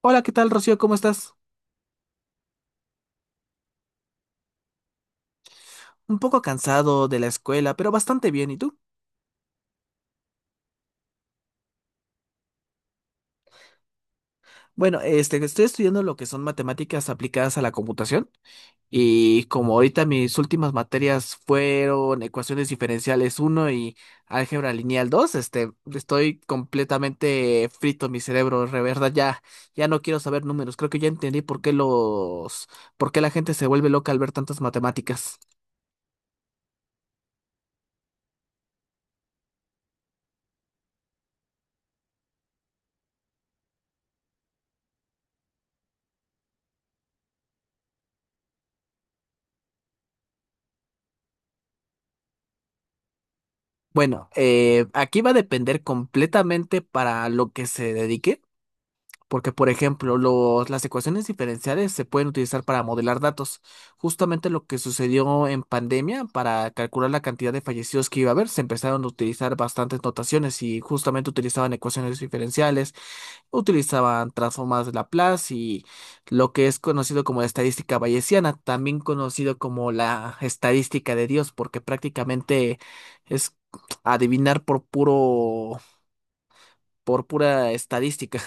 Hola, ¿qué tal, Rocío? ¿Cómo estás? Un poco cansado de la escuela, pero bastante bien. ¿Y tú? Bueno, estoy estudiando lo que son matemáticas aplicadas a la computación y como ahorita mis últimas materias fueron ecuaciones diferenciales uno y álgebra lineal dos. Estoy completamente frito mi cerebro, de verdad. Ya, ya no quiero saber números. Creo que ya entendí por qué la gente se vuelve loca al ver tantas matemáticas. Bueno, aquí va a depender completamente para lo que se dedique. Porque, por ejemplo, las ecuaciones diferenciales se pueden utilizar para modelar datos. Justamente lo que sucedió en pandemia, para calcular la cantidad de fallecidos que iba a haber, se empezaron a utilizar bastantes notaciones y justamente utilizaban ecuaciones diferenciales, utilizaban transformadas de Laplace y lo que es conocido como la estadística bayesiana, también conocido como la estadística de Dios, porque prácticamente es adivinar por pura estadística.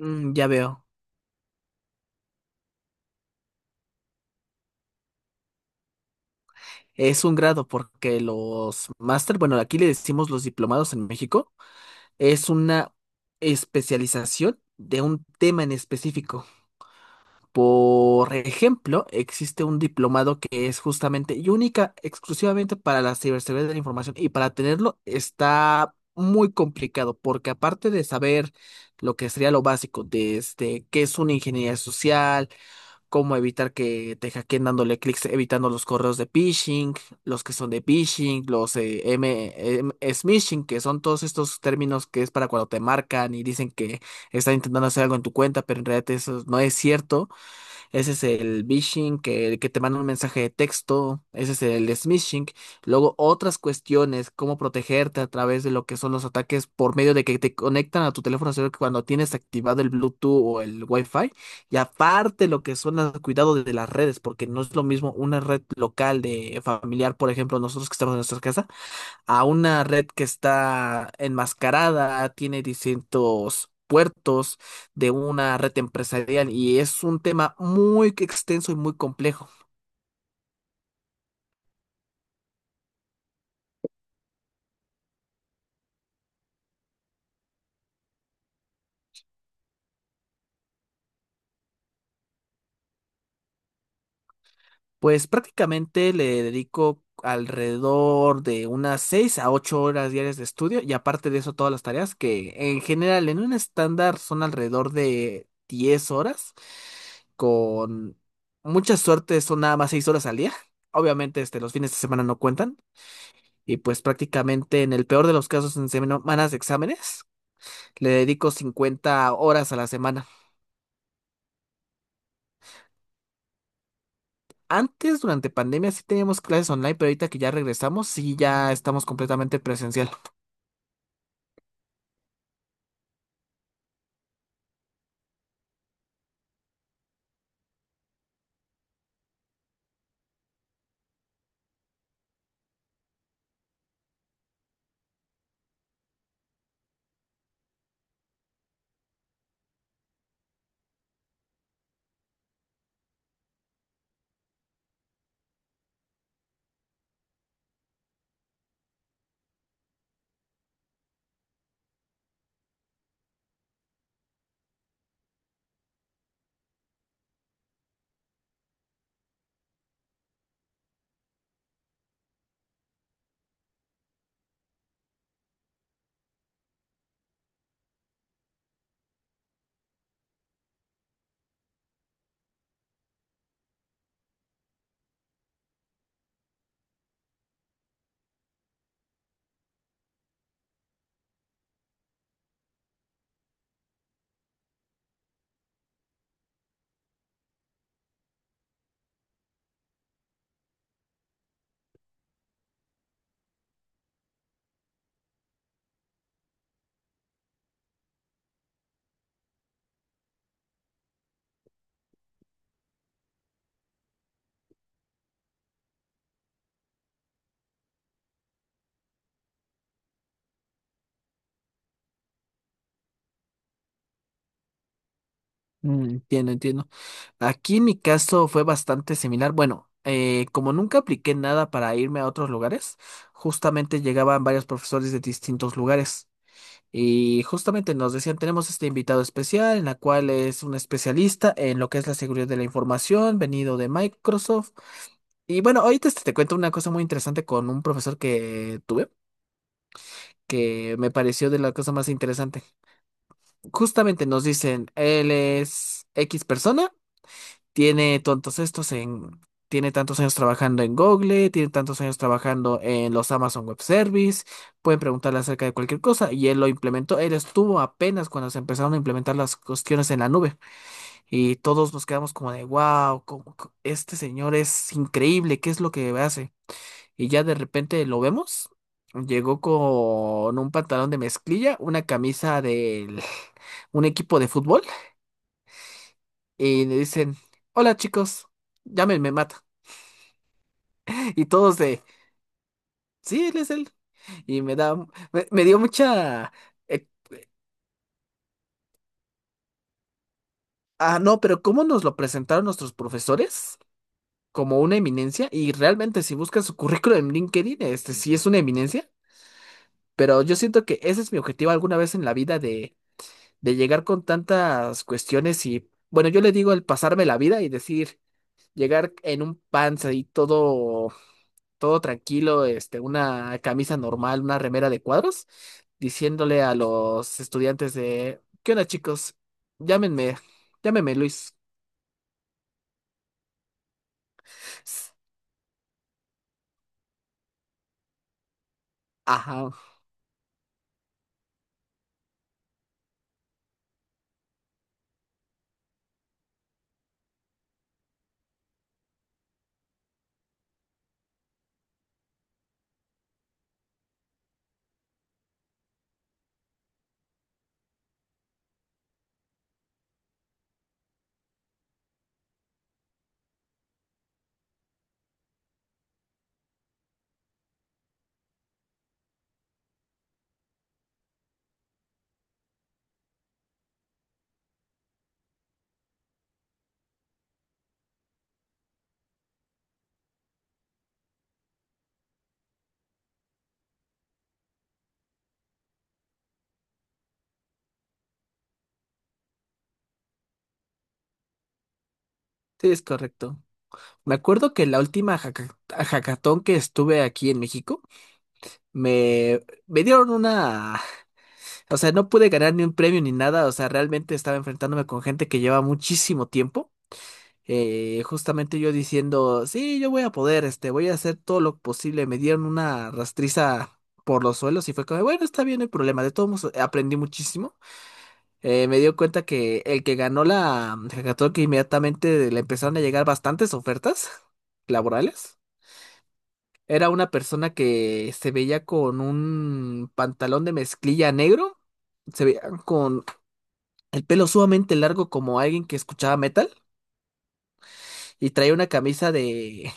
Mm, ya veo. Es un grado porque los máster, bueno, aquí le decimos los diplomados en México, es una especialización de un tema en específico. Por ejemplo, existe un diplomado que es justamente y única, exclusivamente para la ciberseguridad de la información, y para tenerlo está muy complicado porque aparte de saber lo que sería lo básico, desde qué es una ingeniería social, cómo evitar que te hackeen dándole clics, evitando los correos de phishing, los que son de phishing, los smishing, que son todos estos términos. Que es para cuando te marcan y dicen que están intentando hacer algo en tu cuenta, pero en realidad eso no es cierto. Ese es el vishing. Que te manda un mensaje de texto, ese es el smishing. Luego otras cuestiones, cómo protegerte a través de lo que son los ataques por medio de que te conectan a tu teléfono celular cuando tienes activado el Bluetooth o el Wi-Fi. Y aparte lo que son los cuidados de las redes, porque no es lo mismo una red local de familiar, por ejemplo, nosotros que estamos en nuestra casa, a una red que está enmascarada, tiene distintos puertos, de una red empresarial, y es un tema muy extenso y muy complejo. Pues prácticamente le dedico alrededor de unas 6 a 8 horas diarias de estudio, y aparte de eso todas las tareas que en general en un estándar son alrededor de 10 horas. Con mucha suerte son nada más 6 horas al día. Obviamente los fines de semana no cuentan. Y pues prácticamente en el peor de los casos, en semanas de exámenes, le dedico 50 horas a la semana. Antes, durante pandemia, sí teníamos clases online, pero ahorita que ya regresamos, sí ya estamos completamente presencial. Mm, entiendo, entiendo. Aquí en mi caso fue bastante similar. Bueno, como nunca apliqué nada para irme a otros lugares, justamente llegaban varios profesores de distintos lugares, y justamente nos decían, tenemos este invitado especial, en la cual es un especialista en lo que es la seguridad de la información, venido de Microsoft. Y bueno, ahorita te cuento una cosa muy interesante con un profesor que tuve, que me pareció de la cosa más interesante. Justamente nos dicen, él es X persona, tiene tantos estos en, tiene tantos años trabajando en Google, tiene tantos años trabajando en los Amazon Web Service, pueden preguntarle acerca de cualquier cosa y él lo implementó, él estuvo apenas cuando se empezaron a implementar las cuestiones en la nube, y todos nos quedamos como de, wow, este señor es increíble, ¿qué es lo que hace? Y ya de repente lo vemos. Llegó con un pantalón de mezclilla, una camisa de un equipo de fútbol, y le dicen, hola chicos, llámenme Matt. Y todos de, sí, él es él. Y me dio mucha... eh, ah, no, pero ¿cómo nos lo presentaron nuestros profesores? Como una eminencia. Y realmente si buscas su currículum en LinkedIn, este sí es una eminencia. Pero yo siento que ese es mi objetivo alguna vez en la vida, de llegar con tantas cuestiones. Y bueno, yo le digo el pasarme la vida y decir, llegar en un panza y todo, todo tranquilo, una camisa normal, una remera de cuadros, diciéndole a los estudiantes de, ¿qué onda, chicos? Llámenme, llámenme Luis. Ajá, sí, es correcto. Me acuerdo que la última hackatón que estuve aquí en México, me, me dieron una, o sea, no pude ganar ni un premio ni nada. O sea, realmente estaba enfrentándome con gente que lleva muchísimo tiempo. Justamente yo diciendo, sí, yo voy a poder, voy a hacer todo lo posible. Me dieron una rastriza por los suelos, y fue como, bueno, está bien el problema. De todos modos, aprendí muchísimo. Me dio cuenta que el que ganó la hackathon, que inmediatamente le empezaron a llegar bastantes ofertas laborales. Era una persona que se veía con un pantalón de mezclilla negro, se veía con el pelo sumamente largo como alguien que escuchaba metal, y traía una camisa de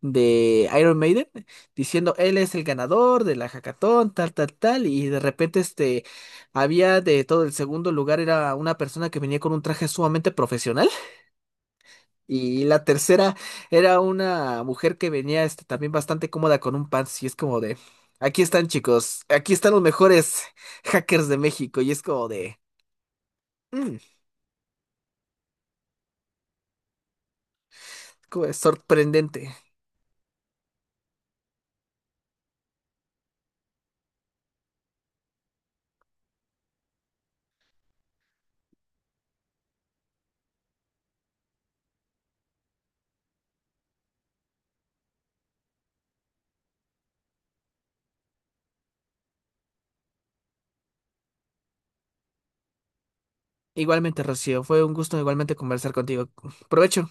de Iron Maiden, diciendo, él es el ganador de la hackathon, tal, tal, tal. Y de repente había de todo. El segundo lugar era una persona que venía con un traje sumamente profesional, y la tercera era una mujer que venía también bastante cómoda con un pants, y es como de, aquí están chicos, aquí están los mejores hackers de México, y es como de mm, como de sorprendente. Igualmente, Rocío, fue un gusto igualmente conversar contigo. Provecho.